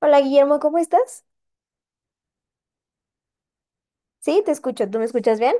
Hola Guillermo, ¿cómo estás? Sí, te escucho. ¿Tú me escuchas bien?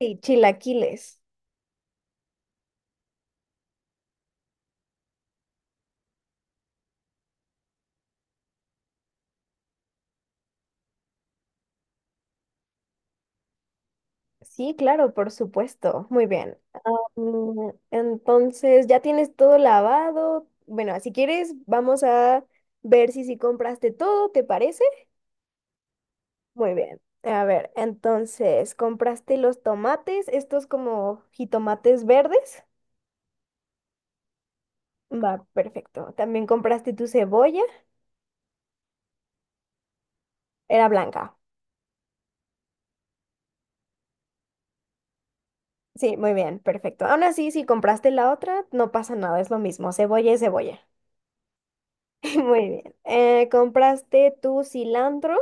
Sí, chilaquiles. Sí, claro, por supuesto. Muy bien. Entonces, ya tienes todo lavado. Bueno, si quieres, vamos a ver si sí compraste todo, ¿te parece? Muy bien. A ver, entonces, ¿compraste los tomates? Estos como jitomates verdes. Va, perfecto. También compraste tu cebolla. Era blanca. Sí, muy bien, perfecto. Aún así, si compraste la otra, no pasa nada, es lo mismo, cebolla y cebolla. Muy bien. ¿Compraste tu cilantro?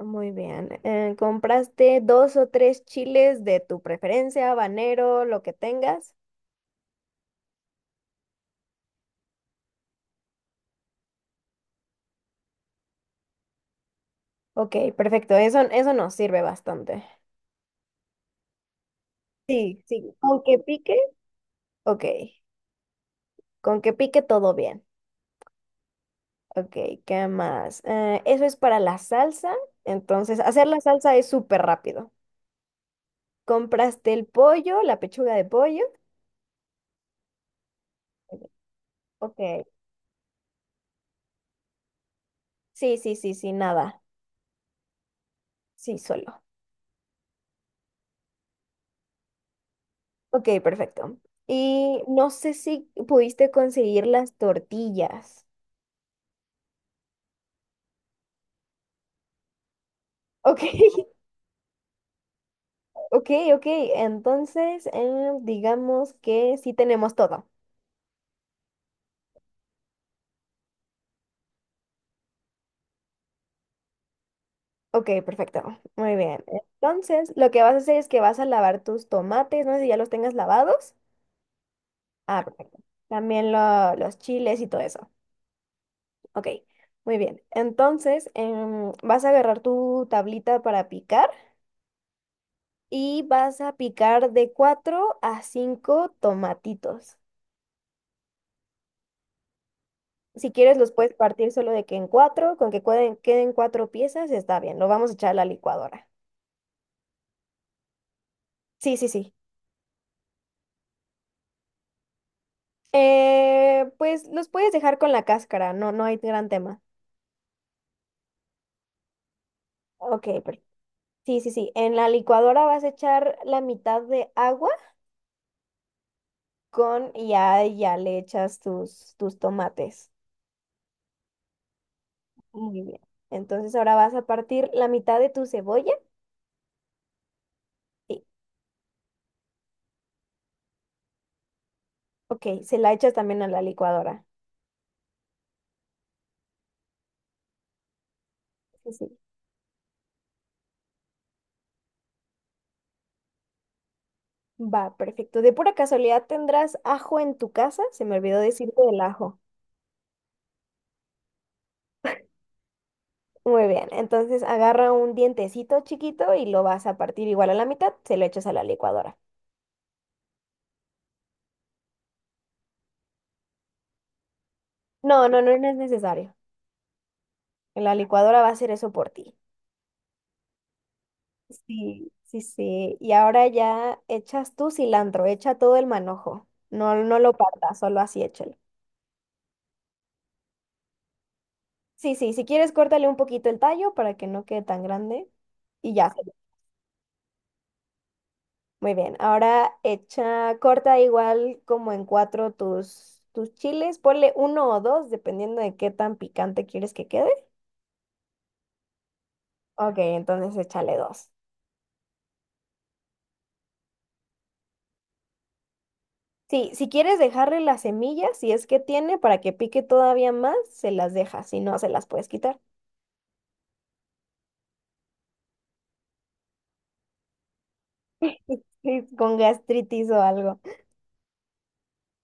Muy bien. ¿Compraste dos o tres chiles de tu preferencia, habanero, lo que tengas? Ok, perfecto, eso nos sirve bastante. Sí, sí. ¿Con que pique? Ok, con que pique todo bien. Ok, ¿qué más? Eso es para la salsa, entonces hacer la salsa es súper rápido. Compraste el pollo, la pechuga de pollo. Ok. Sí, sí, sí, sí, nada. Sí, solo. Ok, perfecto. Y no sé si pudiste conseguir las tortillas. Ok, ok, ok. Entonces, digamos que sí tenemos todo. Ok, perfecto. Muy bien. Entonces, lo que vas a hacer es que vas a lavar tus tomates. No sé si ya los tengas lavados. Ah, perfecto. También los chiles y todo eso. Ok, muy bien. Entonces, vas a agarrar tu tablita para picar y vas a picar de 4 a 5 tomatitos. Si quieres, los puedes partir solo de que en cuatro, con que queden, cuatro piezas, está bien. Lo vamos a echar a la licuadora. Sí, sí, sí. Pues los puedes dejar con la cáscara, no, no hay gran tema. Ok, per- Sí, sí, sí. En la licuadora vas a echar la mitad de agua con, y ya, ya le echas tus tomates. Muy bien. Entonces ahora vas a partir la mitad de tu cebolla. Sí. Ok, se la echas también a la licuadora. Sí, sí. Va, perfecto. De pura casualidad, ¿tendrás ajo en tu casa? Se me olvidó decirte del ajo. Muy bien. Entonces agarra un dientecito chiquito y lo vas a partir igual a la mitad, se lo echas a la licuadora. No, no, no, no es necesario. La licuadora va a hacer eso por ti. Sí, sí, sí. Y ahora ya echas tu cilantro, echa todo el manojo. No, no lo partas, solo así échalo. Sí, sí, si quieres, córtale un poquito el tallo para que no quede tan grande. Y ya. Muy bien. Ahora echa, corta igual como en cuatro tus chiles. Ponle uno o dos, dependiendo de qué tan picante quieres que quede. Ok, entonces échale dos. Sí, si quieres dejarle las semillas, si es que tiene, para que pique todavía más, se las dejas. Si no, se las puedes quitar. Sí, con gastritis o algo.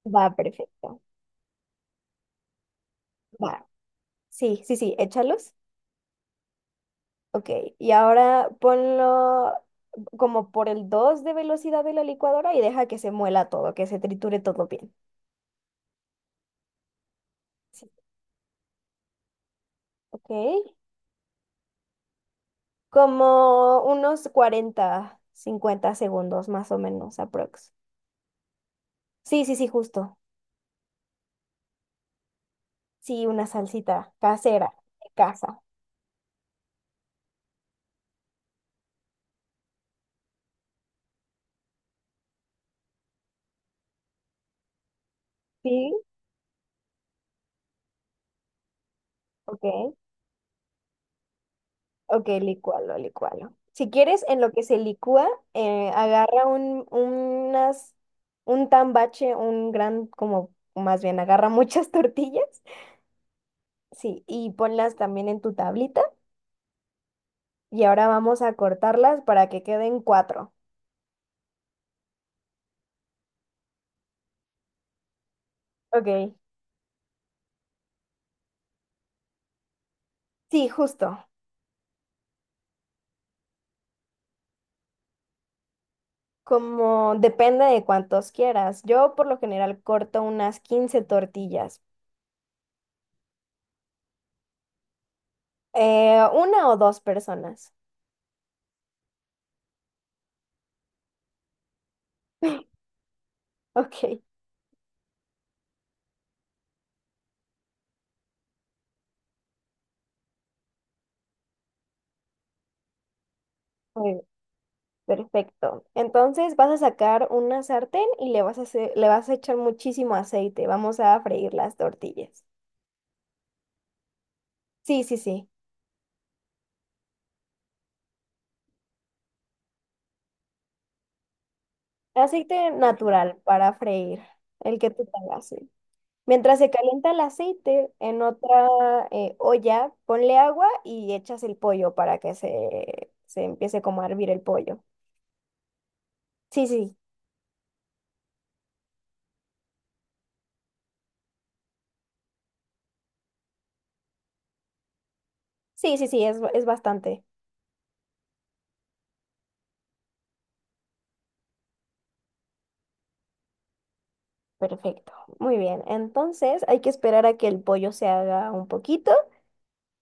Va, perfecto. Va. Sí, sí, sí, échalos. Ok, y ahora ponlo como por el 2 de velocidad de la licuadora y deja que se muela todo, que se triture todo bien. Sí. Ok, como unos 40, 50 segundos más o menos, aprox. Sí, sí, sí, justo. Sí, una salsita casera de casa. Sí, ok. Ok, licualo, licualo. Si quieres, en lo que se licúa, agarra unas, un tambache, un gran, como más bien, agarra muchas tortillas. Sí, y ponlas también en tu tablita. Y ahora vamos a cortarlas para que queden cuatro. Ok. Sí, justo. Como depende de cuántos quieras. Yo por lo general corto unas 15 tortillas. Una o dos personas. Ok. muy Perfecto. Entonces vas a sacar una sartén y le vas a le vas a echar muchísimo aceite. Vamos a freír las tortillas. Sí, sí, sí. Aceite natural para freír, el que tú tengas. Sí. Mientras se calienta el aceite en otra olla, ponle agua y echas el pollo para que se empiece como a hervir el pollo. Sí, sí. Sí, sí, sí, es bastante. Perfecto. Muy bien. Entonces hay que esperar a que el pollo se haga un poquito.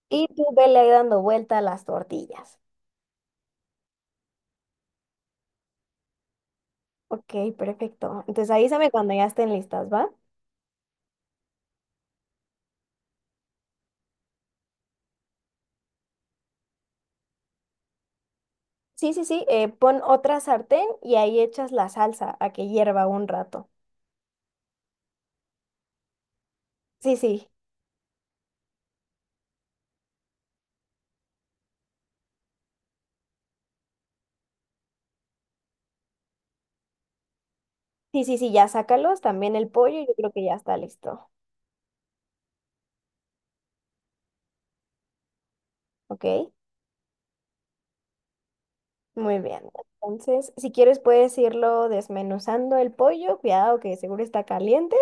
Y tú vele ahí dando vuelta a las tortillas. Ok, perfecto. Entonces avísame cuando ya estén listas, ¿va? Sí, sí, sí. Pon otra sartén y ahí echas la salsa a que hierva un rato. Sí, sí. Sí, sí, sí, ya sácalos. También el pollo, yo creo que ya está listo. Ok, muy bien. Entonces, si quieres puedes irlo desmenuzando el pollo. Cuidado que seguro está caliente.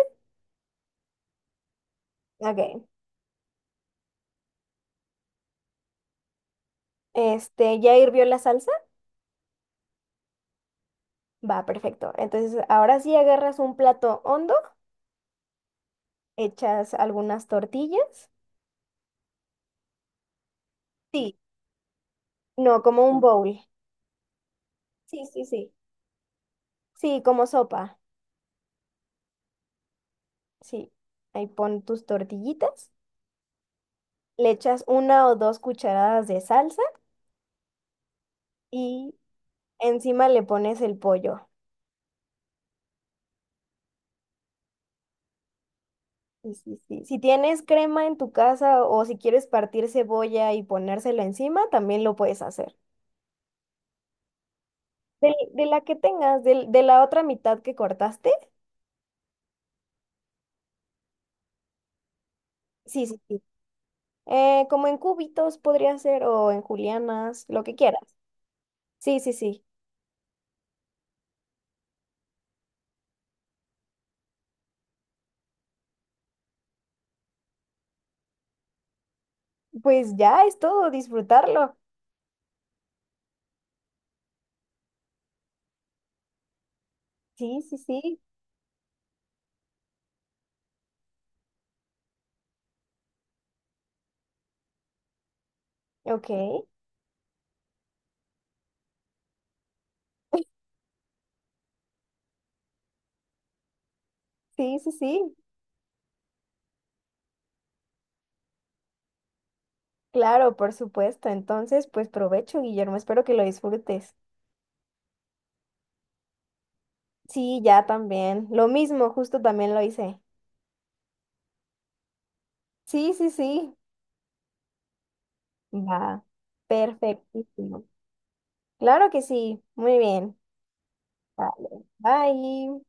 Ok. Este, ¿ya hirvió la salsa? Va, perfecto. Entonces, ahora sí agarras un plato hondo, echas algunas tortillas. Sí, no, como un bowl. Sí, sí, sí. Sí, como sopa. Sí. Ahí pon tus tortillitas, le echas una o dos cucharadas de salsa y encima le pones el pollo. Sí, sí, sí. Si tienes crema en tu casa o si quieres partir cebolla y ponérselo encima, también lo puedes hacer. De, la que tengas, de, la otra mitad que cortaste. Sí, sí, sí. Como en cubitos podría ser o en julianas, lo que quieras. Sí, sí, sí. Pues ya es todo, disfrutarlo. Sí, sí, sí. Ok. Sí, sí, sí. Claro, por supuesto. Entonces, pues provecho, Guillermo. Espero que lo disfrutes. Sí, ya también. Lo mismo, justo también lo hice. Sí, sí, sí. Va. Perfectísimo. Claro que sí. Muy bien. Vale. Bye.